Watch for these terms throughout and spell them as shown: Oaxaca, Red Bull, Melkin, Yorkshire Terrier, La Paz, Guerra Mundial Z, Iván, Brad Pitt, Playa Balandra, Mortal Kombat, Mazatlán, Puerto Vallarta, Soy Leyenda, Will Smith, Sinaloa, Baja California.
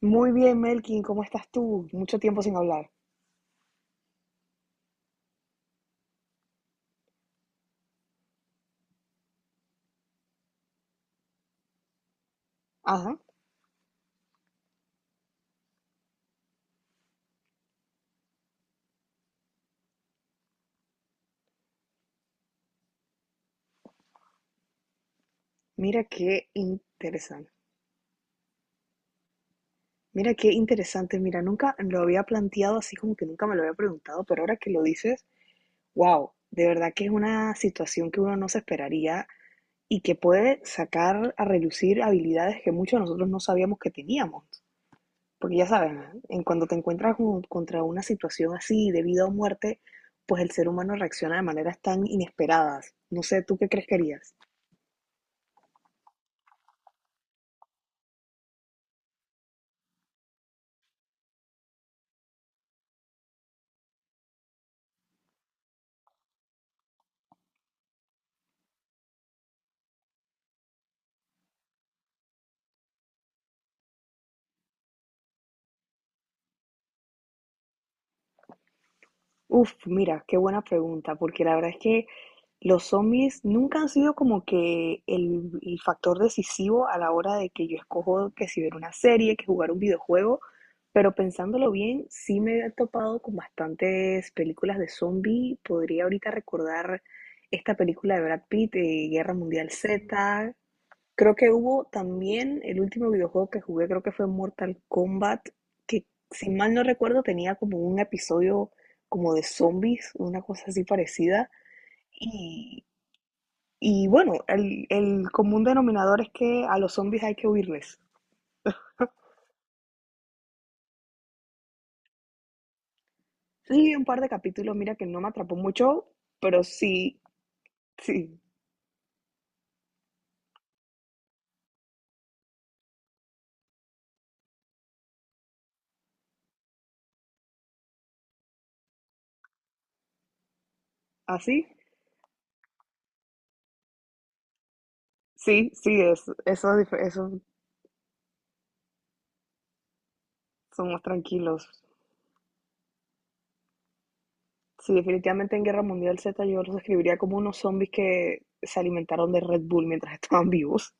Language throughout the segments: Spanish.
Muy bien, Melkin, ¿cómo estás tú? Mucho tiempo sin hablar. Ajá, mira qué interesante. Mira qué interesante. Mira, nunca lo había planteado así como que nunca me lo había preguntado, pero ahora que lo dices, wow, de verdad que es una situación que uno no se esperaría y que puede sacar a relucir habilidades que muchos de nosotros no sabíamos que teníamos. Porque ya sabes, en cuando te encuentras con- contra una situación así de vida o muerte, pues el ser humano reacciona de maneras tan inesperadas. No sé, ¿tú qué crees que harías? Uf, mira, qué buena pregunta, porque la verdad es que los zombies nunca han sido como que el factor decisivo a la hora de que yo escojo que si ver una serie, que jugar un videojuego, pero pensándolo bien, sí me he topado con bastantes películas de zombie. Podría ahorita recordar esta película de Brad Pitt, Guerra Mundial Z. Creo que hubo también el último videojuego que jugué, creo que fue Mortal Kombat, que si mal no recuerdo tenía como un episodio como de zombies, una cosa así parecida. Y, y bueno, el común denominador es que a los zombies hay que huirles. Sí, un par de capítulos, mira que no me atrapó mucho, pero sí, sí, así, sí, sí, esos son más tranquilos. Sí, definitivamente en Guerra Mundial Z yo los describiría como unos zombies que se alimentaron de Red Bull mientras estaban vivos.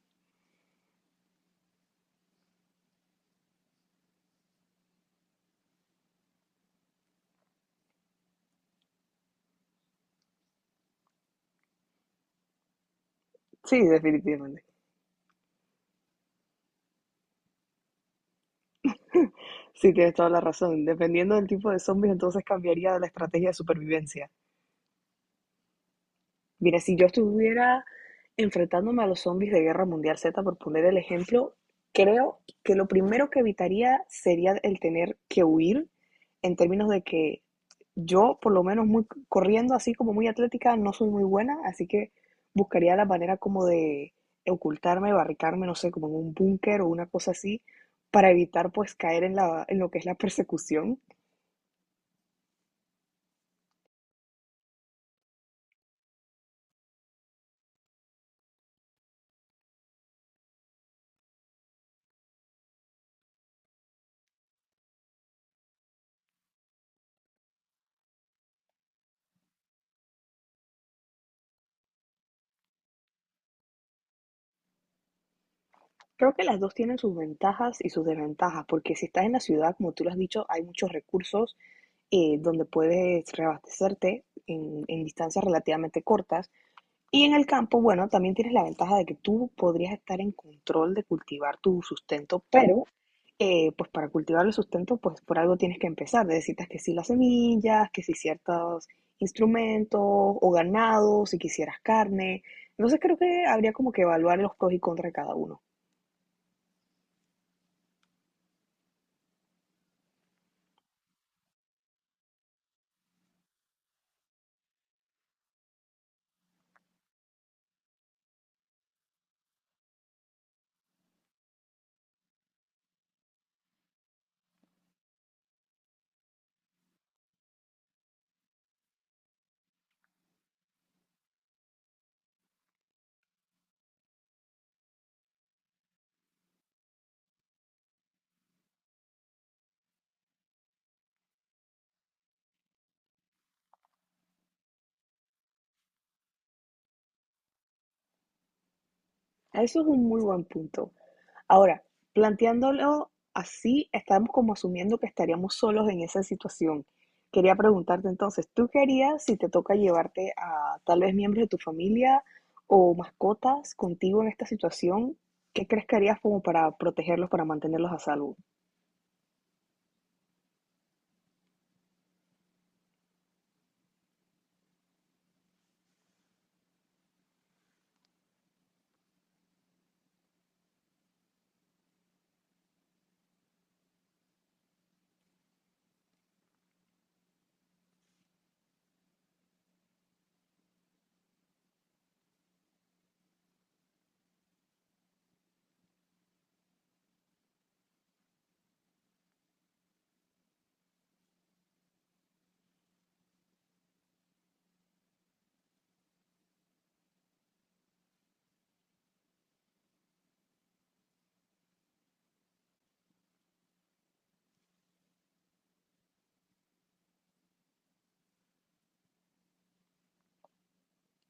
Sí, definitivamente. Sí, tienes toda la razón. Dependiendo del tipo de zombies, entonces cambiaría la estrategia de supervivencia. Mira, si yo estuviera enfrentándome a los zombies de Guerra Mundial Z, por poner el ejemplo, creo que lo primero que evitaría sería el tener que huir en términos de que yo, por lo menos muy corriendo así como muy atlética, no soy muy buena, así que buscaría la manera como de ocultarme, barricarme, no sé, como en un búnker o una cosa así, para evitar pues caer en en lo que es la persecución. Creo que las 2 tienen sus ventajas y sus desventajas, porque si estás en la ciudad, como tú lo has dicho, hay muchos recursos donde puedes reabastecerte en distancias relativamente cortas. Y en el campo, bueno, también tienes la ventaja de que tú podrías estar en control de cultivar tu sustento, pero pues para cultivar el sustento, pues por algo tienes que empezar. Necesitas que sí las semillas, que sí ciertos instrumentos o ganado, si quisieras carne. Entonces creo que habría como que evaluar los pros y contras de cada uno. Eso es un muy buen punto. Ahora, planteándolo así, estamos como asumiendo que estaríamos solos en esa situación. Quería preguntarte entonces, ¿tú qué harías si te toca llevarte a tal vez miembros de tu familia o mascotas contigo en esta situación? ¿Qué crees que harías como para protegerlos, para mantenerlos a salvo?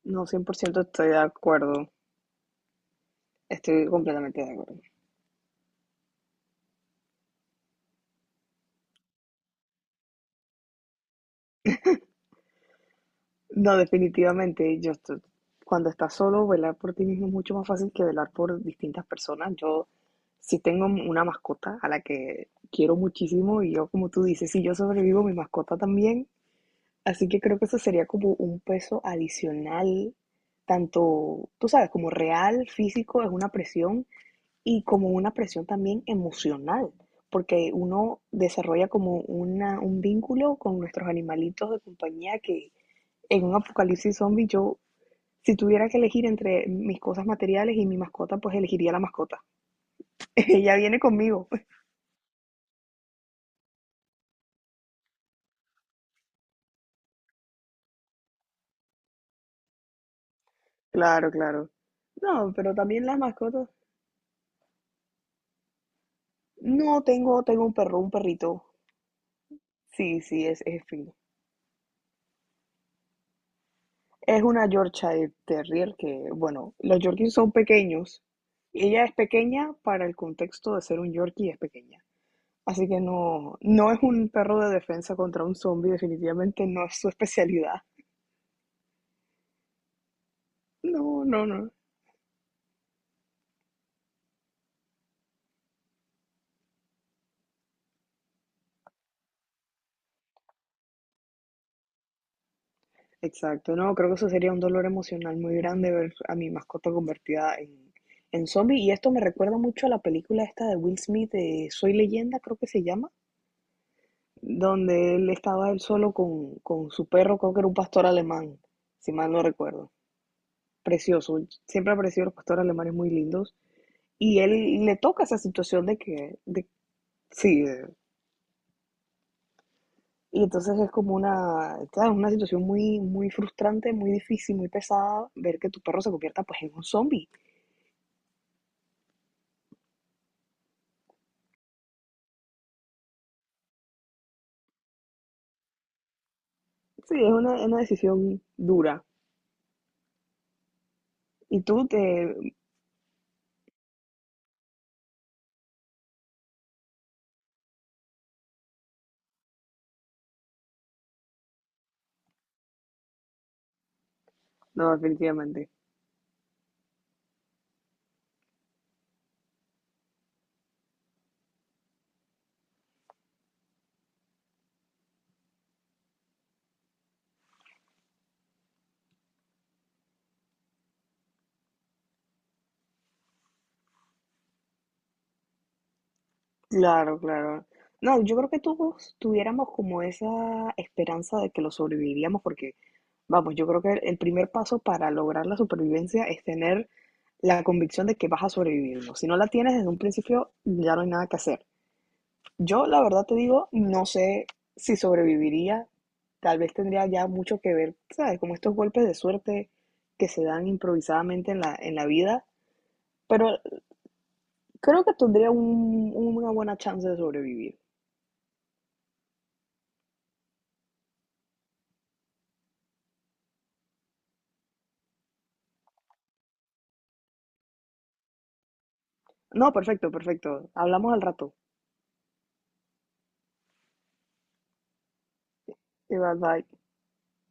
No, 100% estoy de acuerdo. Estoy completamente de acuerdo. No, definitivamente, cuando estás solo, velar por ti mismo es mucho más fácil que velar por distintas personas. Yo sí tengo una mascota a la que quiero muchísimo y yo, como tú dices, si yo sobrevivo, mi mascota también. Así que creo que eso sería como un peso adicional, tanto, tú sabes, como real, físico, es una presión y como una presión también emocional, porque uno desarrolla como una, un vínculo con nuestros animalitos de compañía que en un apocalipsis zombie, yo, si tuviera que elegir entre mis cosas materiales y mi mascota, pues elegiría la mascota. Ella viene conmigo. Claro, claro. No, pero también las mascotas. No, tengo, tengo un perro, un perrito. Sí, sí, es fino. Es una Yorkshire Terrier que, bueno, los Yorkies son pequeños. Ella es pequeña para el contexto de ser un Yorkie, es pequeña. Así que no, no es un perro de defensa contra un zombie, definitivamente no es su especialidad. No, no, no. Exacto, no, creo que eso sería un dolor emocional muy grande ver a mi mascota convertida en zombie. Y esto me recuerda mucho a la película esta de Will Smith de Soy Leyenda, creo que se llama, donde él estaba él solo con su perro, creo que era un pastor alemán, si mal no recuerdo. Precioso, siempre ha parecido los pastores alemanes muy lindos. Y él le toca esa situación de que, de, sí, de- y entonces es como una, ¿sabes? Una situación muy, muy frustrante, muy difícil, muy pesada ver que tu perro se convierta pues en un zombie. Sí, es una decisión dura. Y tú te... No, definitivamente. Claro, claro. No, yo creo que todos tuviéramos como esa esperanza de que lo sobreviviríamos porque, vamos, yo creo que el primer paso para lograr la supervivencia es tener la convicción de que vas a sobrevivir. ¿No? Si no la tienes desde un principio, ya no hay nada que hacer. Yo, la verdad te digo, no sé si sobreviviría. Tal vez tendría ya mucho que ver, ¿sabes? Como estos golpes de suerte que se dan improvisadamente en en la vida. Pero creo que tendría una buena chance de sobrevivir. No, perfecto, perfecto. Hablamos al rato. Y bye bye.